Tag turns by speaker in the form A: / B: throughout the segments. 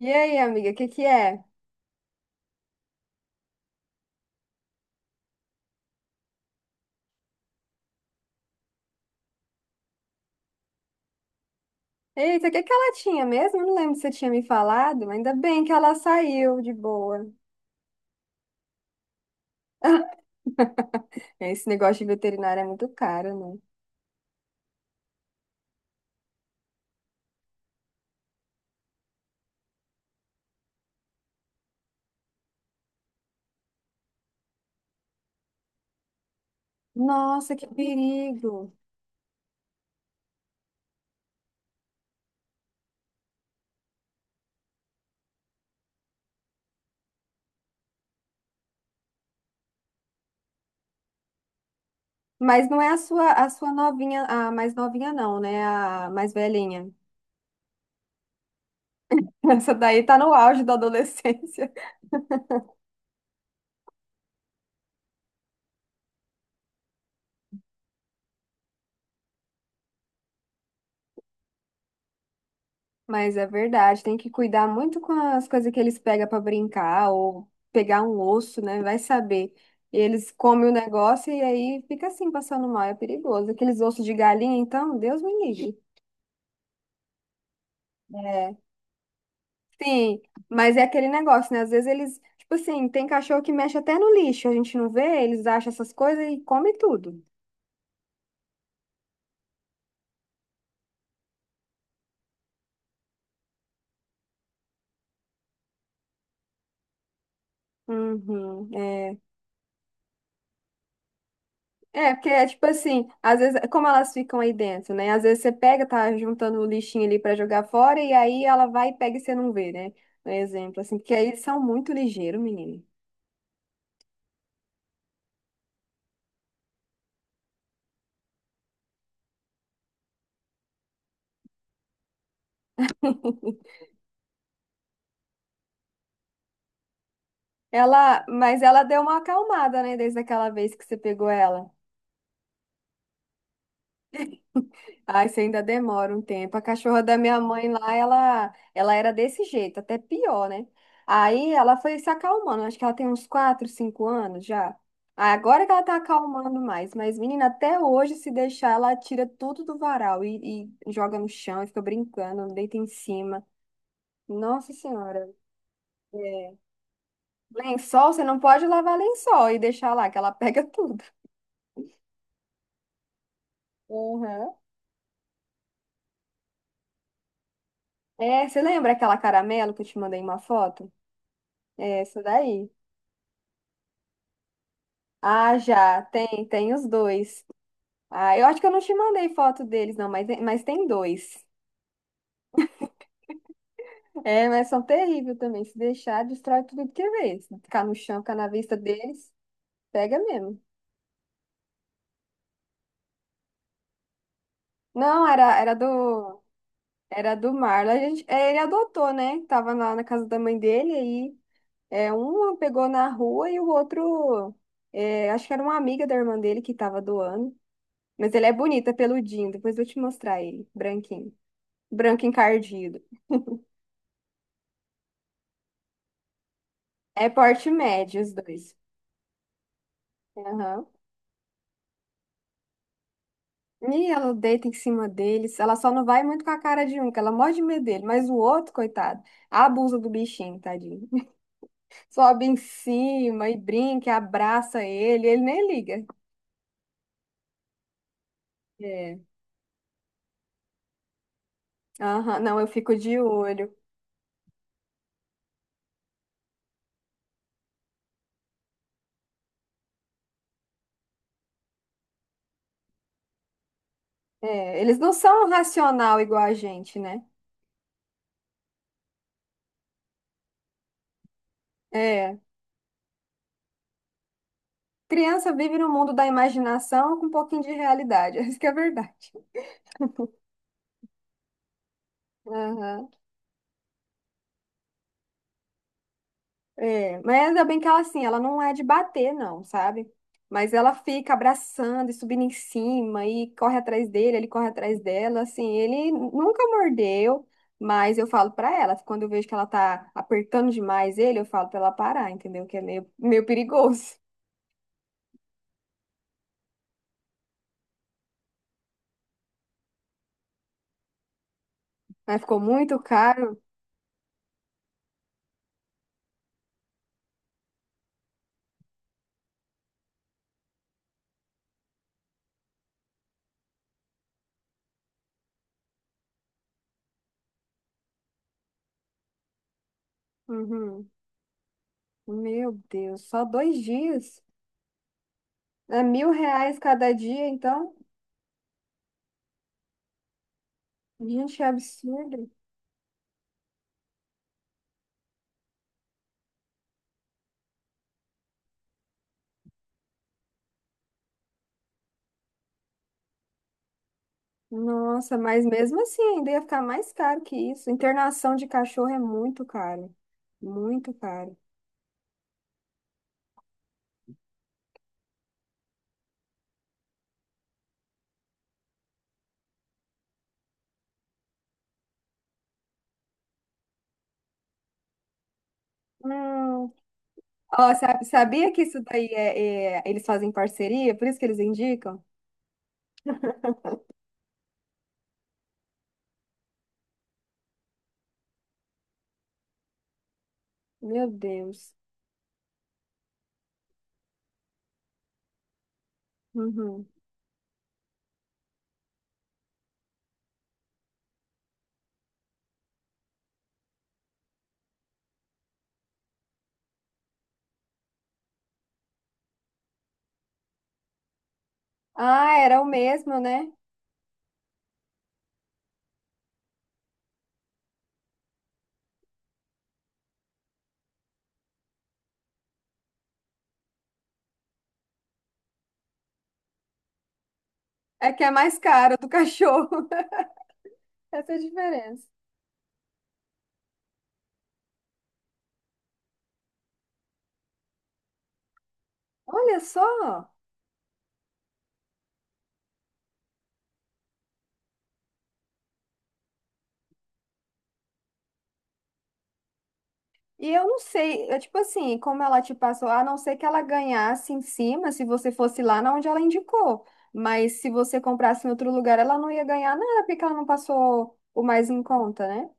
A: E aí, amiga, o que que é? Eita, o que que ela tinha mesmo? Eu não lembro se você tinha me falado, mas ainda bem que ela saiu de boa. Esse negócio de veterinário é muito caro, né? Nossa, que perigo. Mas não é a sua novinha, a mais novinha não, né? A mais velhinha. Essa daí tá no auge da adolescência. Mas é verdade, tem que cuidar muito com as coisas que eles pegam para brincar ou pegar um osso, né? Vai saber. E eles comem o negócio e aí fica assim, passando mal, é perigoso. Aqueles ossos de galinha, então, Deus me livre. É, sim, mas é aquele negócio, né? Às vezes eles, tipo assim, tem cachorro que mexe até no lixo, a gente não vê, eles acham essas coisas e come tudo. Uhum, é. É, porque é tipo assim, às vezes, como elas ficam aí dentro, né? Às vezes você pega, tá juntando o lixinho ali pra jogar fora, e aí ela vai e pega e você não vê, né? Um exemplo, assim, porque aí eles são muito ligeiros, menino. Ela, mas ela deu uma acalmada, né, desde aquela vez que você pegou ela. Ai, isso ainda demora um tempo. A cachorra da minha mãe lá, ela era desse jeito, até pior, né? Aí ela foi se acalmando, acho que ela tem uns 4, 5 anos já. Ah, agora que ela tá acalmando mais, mas menina, até hoje, se deixar, ela tira tudo do varal e joga no chão e fica brincando, deita em cima. Nossa Senhora. É. Lençol, você não pode lavar lençol e deixar lá, que ela pega tudo. Uhum. É, você lembra aquela caramelo que eu te mandei uma foto? É essa daí. Ah, já, tem, tem os dois. Ah, eu acho que eu não te mandei foto deles, não, mas tem dois. É, mas são terríveis também. Se deixar, destrói tudo que vê. Se ficar no chão, ficar na vista deles, pega mesmo. Não, era do Marlon. A gente, é, ele adotou, né? Tava lá na casa da mãe dele, aí é, um pegou na rua e o outro, é, acho que era uma amiga da irmã dele que tava doando. Mas ele é bonito, é peludinho. Depois eu vou te mostrar ele, branquinho. Branco encardido. É porte médio, os dois. Aham. E ela deita em cima deles. Ela só não vai muito com a cara de um, que ela morre de medo dele. Mas o outro, coitado, abusa do bichinho, tadinho. Sobe em cima e brinca, e abraça ele. Ele nem liga. É. Aham. Não, eu fico de olho. É. Eles não são um racional igual a gente, né? É. Criança vive no mundo da imaginação com um pouquinho de realidade. Isso que é verdade. Aham. É, mas ainda bem que ela assim, ela não é de bater, não, sabe? Mas ela fica abraçando e subindo em cima e corre atrás dele, ele corre atrás dela, assim, ele nunca mordeu, mas eu falo pra ela, quando eu vejo que ela tá apertando demais ele, eu falo pra ela parar, entendeu? Que é meio perigoso. Mas ficou muito caro. Uhum. Meu Deus, só 2 dias? É 1.000 reais cada dia, então? Gente, é absurdo. Nossa, mas mesmo assim ainda ia ficar mais caro que isso. Internação de cachorro é muito caro. Muito caro. Não. Ó, sabia que isso daí eles fazem parceria? Por isso que eles indicam? Meu Deus. Uhum. Ah, era o mesmo, né? É que é mais caro do cachorro. Essa é a diferença. Olha só! E eu não sei, é tipo assim, como ela te passou, a não ser que ela ganhasse em cima, se você fosse lá na onde ela indicou. Mas se você comprasse em outro lugar, ela não ia ganhar nada, porque ela não passou o mais em conta, né?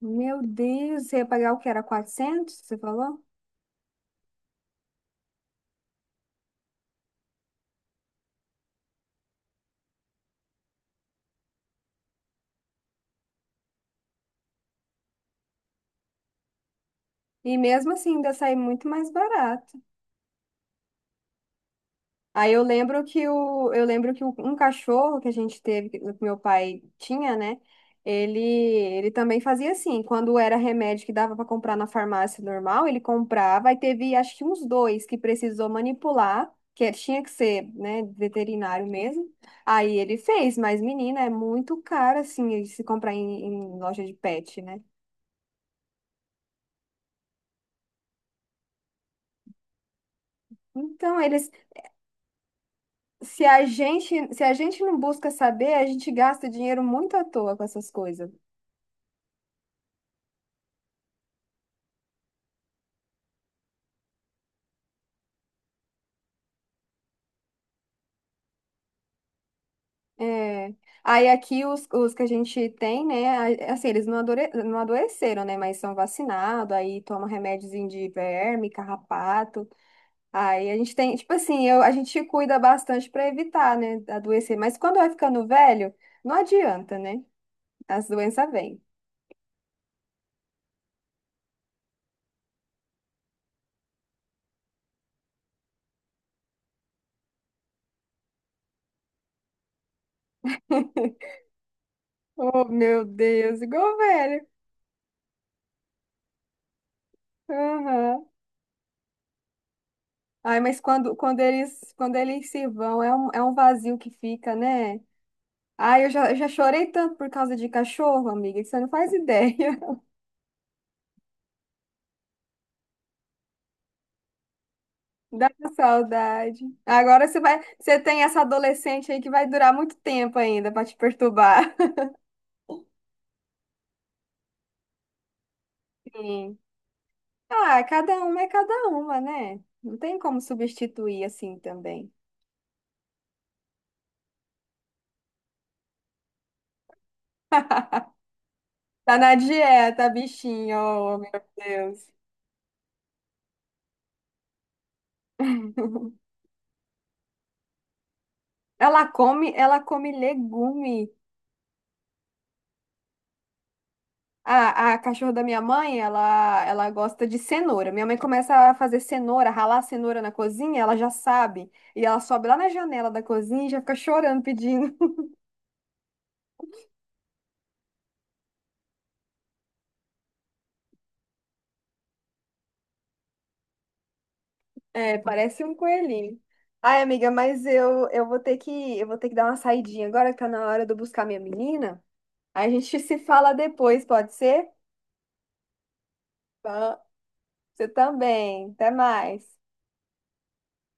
A: Meu Deus, você ia pagar o que era 400 você falou? E mesmo assim, ainda sai muito mais barato. Aí eu lembro que um cachorro que a gente teve, que meu pai tinha, né? Ele também fazia assim, quando era remédio que dava para comprar na farmácia normal, ele comprava e teve acho que uns dois que precisou manipular, que é, tinha que ser, né, veterinário mesmo. Aí ele fez, mas menina, é muito caro assim se comprar em loja de pet, né? Então eles, se a gente não busca saber, a gente gasta dinheiro muito à toa com essas coisas. É. Aí aqui os que a gente tem, né? Assim, eles não, não adoeceram, né? Mas são vacinados, aí toma remédiozinho de verme, carrapato. Aí a gente tem, tipo assim, eu, a gente cuida bastante para evitar, né? Adoecer. Mas quando vai ficando velho, não adianta, né? As doenças vêm. Oh, meu Deus, igual velho. Aham. Ai, mas quando eles, quando eles se vão, é um vazio que fica, né? Ai, eu já chorei tanto por causa de cachorro, amiga, que você não faz ideia. Dá uma saudade. Agora você vai, você tem essa adolescente aí que vai durar muito tempo ainda pra te perturbar. Sim. Ah, cada uma é cada uma, né? Não tem como substituir assim também. Tá na dieta, bichinho, oh, meu Deus. Ela come legume. A cachorra da minha mãe, ela gosta de cenoura. Minha mãe começa a fazer cenoura, ralar cenoura na cozinha, ela já sabe. E ela sobe lá na janela da cozinha e já fica chorando, pedindo. É, parece um coelhinho. Ai, amiga, mas eu vou ter que, eu vou ter que dar uma saidinha agora, que tá na hora de eu buscar minha menina. A gente se fala depois, pode ser? Tá. Você também. Até mais.